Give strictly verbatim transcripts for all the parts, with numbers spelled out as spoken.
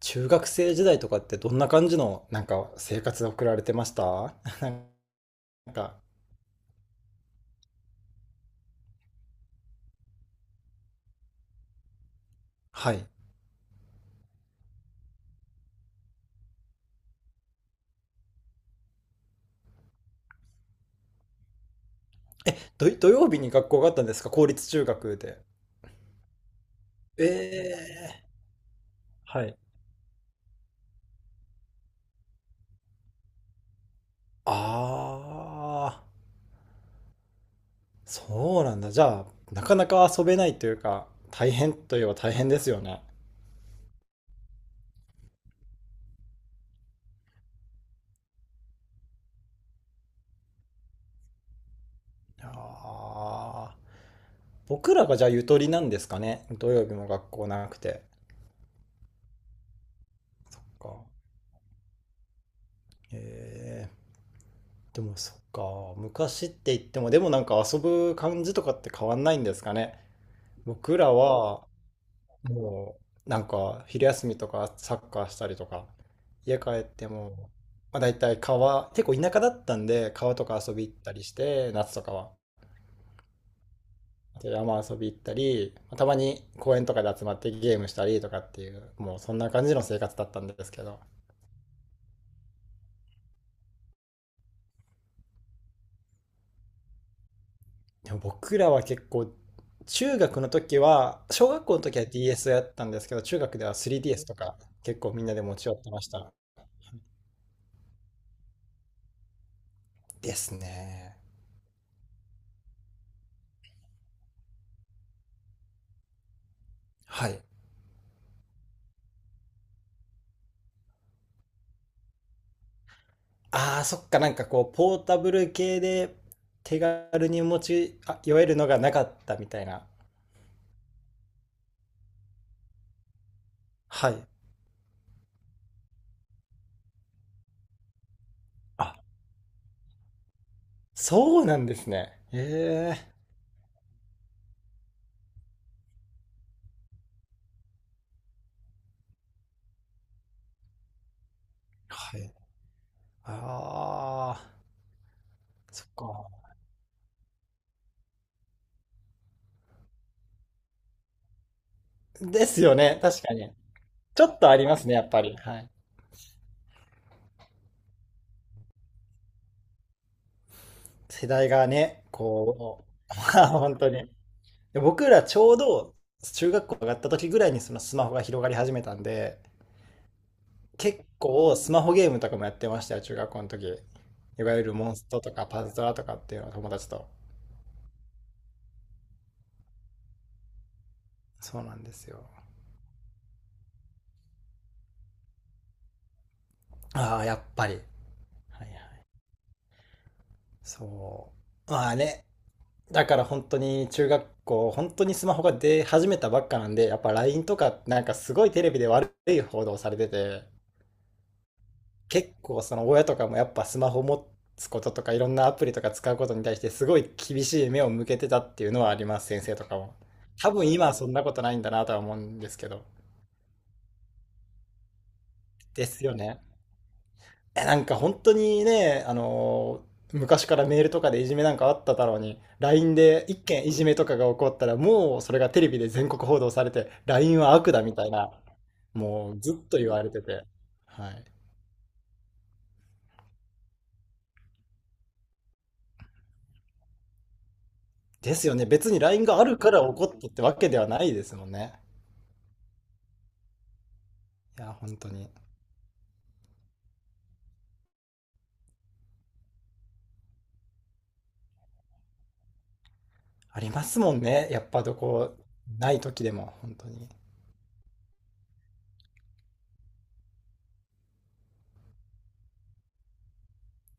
中学生時代とかってどんな感じのなんか生活を送られてました？ なんか、はい。土、土曜日に学校があったんですか、公立中学で。ええ、はい。ああ、そうなんだ。じゃあ、なかなか遊べないというか、大変といえば大変ですよね。ああ、僕らがじゃあゆとりなんですかね。土曜日も学校なくて。か。ええ、でもそっか、昔って言っても、でもなんか遊ぶ感じとかって変わんないんですかね。僕らはもうなんか昼休みとかサッカーしたりとか、家帰っても、まあ、大体川、結構田舎だったんで川とか遊び行ったりして、夏とかは。で山遊び行ったり、まあたまに公園とかで集まってゲームしたりとかっていう、もうそんな感じの生活だったんですけど、でも僕らは結構中学の時は、小学校の時は ディーエス をやったんですけど、中学では スリーディーエス とか結構みんなで持ち寄ってました。ですね。はい。あー、そっか、なんかこうポータブル系で手軽に持ちあ寄えるのがなかったみたいな。はい。あ、そうなんですね。ええ。はい。あー、そっか。ですよね、確かに。ちょっとありますね、やっぱり。はい。世代がね、こう、まあ本当に。で僕らちょうど中学校上がった時ぐらいにそのスマホが広がり始めたんで、結構スマホゲームとかもやってましたよ、中学校の時。いわゆるモンストとかパズドラとかっていうのは友達と。そうなんですよ。ああ、やっぱり。はいはい。そう。まあね。だから本当に中学校、本当にスマホが出始めたばっかなんで、やっぱ ライン とかなんかすごいテレビで悪い報道されてて、結構その親とかもやっぱスマホ持つこととかいろんなアプリとか使うことに対してすごい厳しい目を向けてたっていうのはあります、先生とかも。多分今はそんなことないんだなとは思うんですけど。ですよね。え、なんか本当にね、あのー昔からメールとかでいじめなんかあっただろうに、ライン で一件いじめとかが起こったら、もうそれがテレビで全国報道されて、ライン は悪だみたいな、もうずっと言われてて。はい。ですよね。別に ライン があるから起こったってわけではないですもんね。いや、本当に。ありますもんね。やっぱどこ、ない時でも、本当に。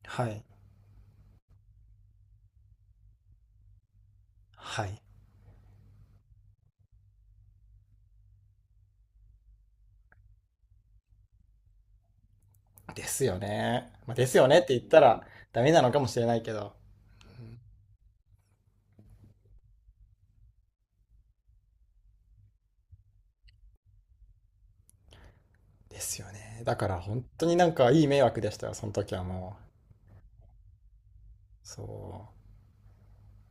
はい。はい。ですよね。まあ、ですよねって言ったらダメなのかもしれないけど。ですよね。だから本当になんかいい迷惑でしたよ、その時はもう。そ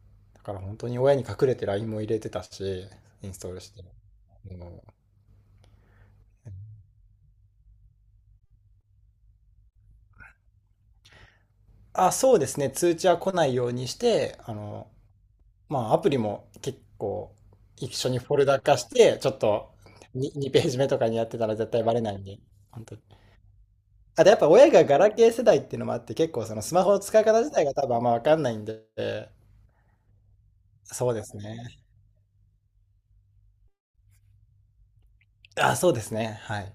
う。だから本当に親に隠れて ライン も入れてたし、インストールして。もう、あ、そうですね。通知は来ないようにして、あの、まあ、アプリも結構一緒にフォルダ化して、ちょっと に, ページ目とかにやってたら絶対バレないんで、本当に。あとやっぱ親がガラケー世代っていうのもあって、結構そのスマホの使い方自体が多分あんまわかんないんで、そうですね。あ、そうですね。はい。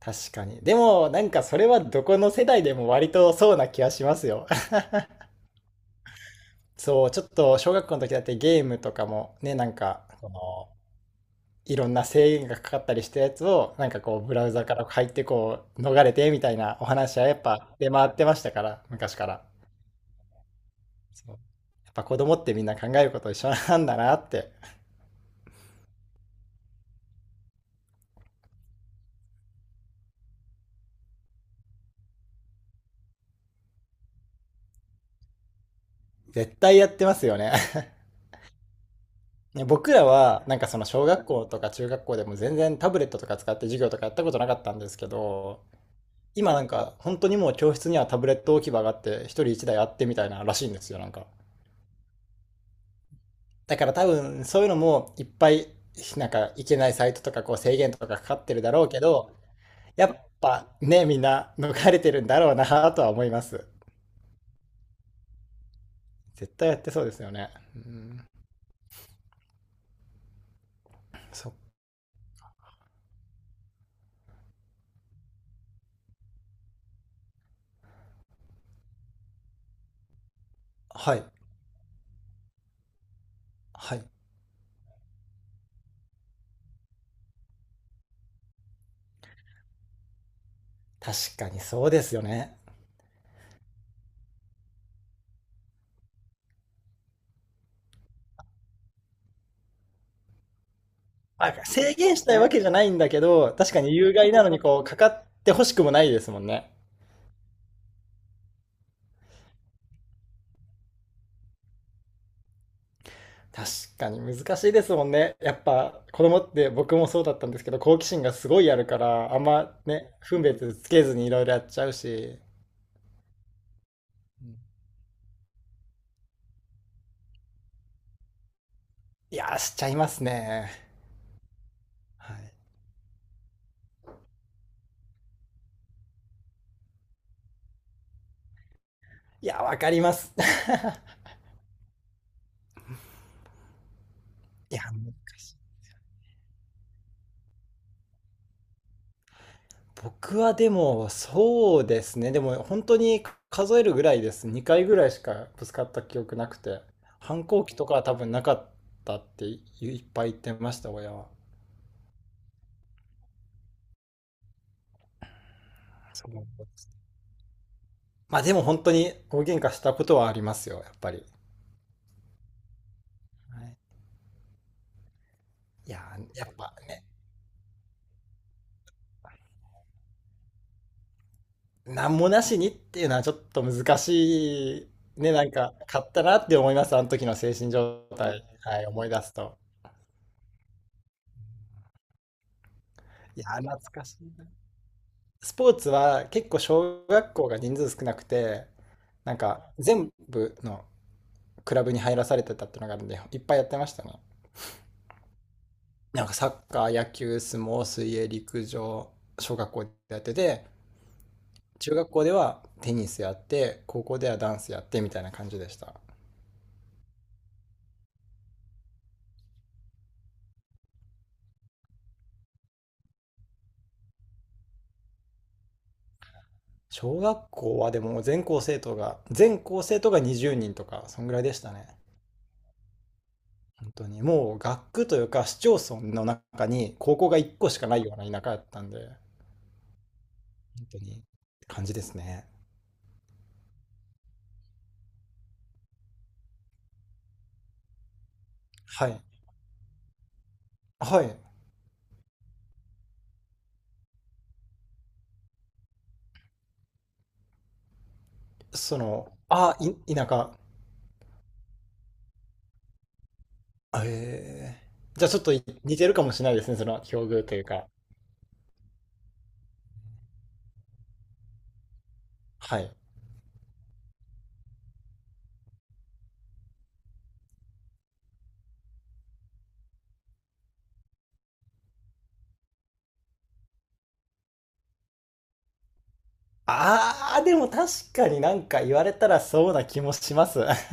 確かに。でも、なんかそれはどこの世代でも割とそうな気はしますよ。そう、ちょっと小学校の時だってゲームとかもね、なんか、このいろんな制限がかかったりしたやつを、なんかこうブラウザから入ってこう逃れてみたいなお話はやっぱ出回ってましたから、昔から。そう。やっぱ子供ってみんな考えること一緒なんだなって、絶対やってますよね。ね、僕らはなんかその小学校とか中学校でも全然タブレットとか使って授業とかやったことなかったんですけど、今なんか本当にもう教室にはタブレット置き場があって一人一台あってみたいならしいんですよ、なんか。だから多分そういうのもいっぱいなんかいけないサイトとかこう制限とかかかってるだろうけど、やっぱね、みんな逃れてるんだろうなとは思います。絶対やってそうですよね。うん、そ、はい、はい。確かにそうですよね。あ、制限したいわけじゃないんだけど、確かに有害なのにこうかかってほしくもないですもんね。確かに難しいですもんね。やっぱ子供って僕もそうだったんですけど、好奇心がすごいあるから、あんまね、分別つけずにいろいろやっちゃうし、うん、いやー、しちゃいますね。はい。いやー、わかります。いや、難しい。僕はでも、そうですね。でも本当に数えるぐらいです。にかいぐらいしかぶつかった記憶なくて、反抗期とかは多分なかったっていいっぱい言ってました、親は。そう、まあでも本当に大喧嘩したことはありますよ、やっぱり。はい。いやー、やっぱね、なんもなしにっていうのはちょっと難しい、ね、なんか、買ったなって思います、あの時の精神状態、はい、思い出すと。いやー、懐かしいな。スポーツは結構小学校が人数少なくて、なんか全部のクラブに入らされてたっていうのがあるんで、いっぱいやってましたね。なんかサッカー、野球、相撲、水泳、陸上、小学校でやってて、中学校ではテニスやって高校ではダンスやってみたいな感じでした。小学校はでも全校生徒が全校生徒がにじゅうにんとかそんぐらいでしたね。本当にもう学区というか市町村の中に高校がいっこしかないような田舎やったんで、本当に感じですね。はい。はい。そのあい田舎。えー、じゃあちょっとい似てるかもしれないですね、その境遇というか。はい。あー、でも確かになんか言われたらそうな気もします。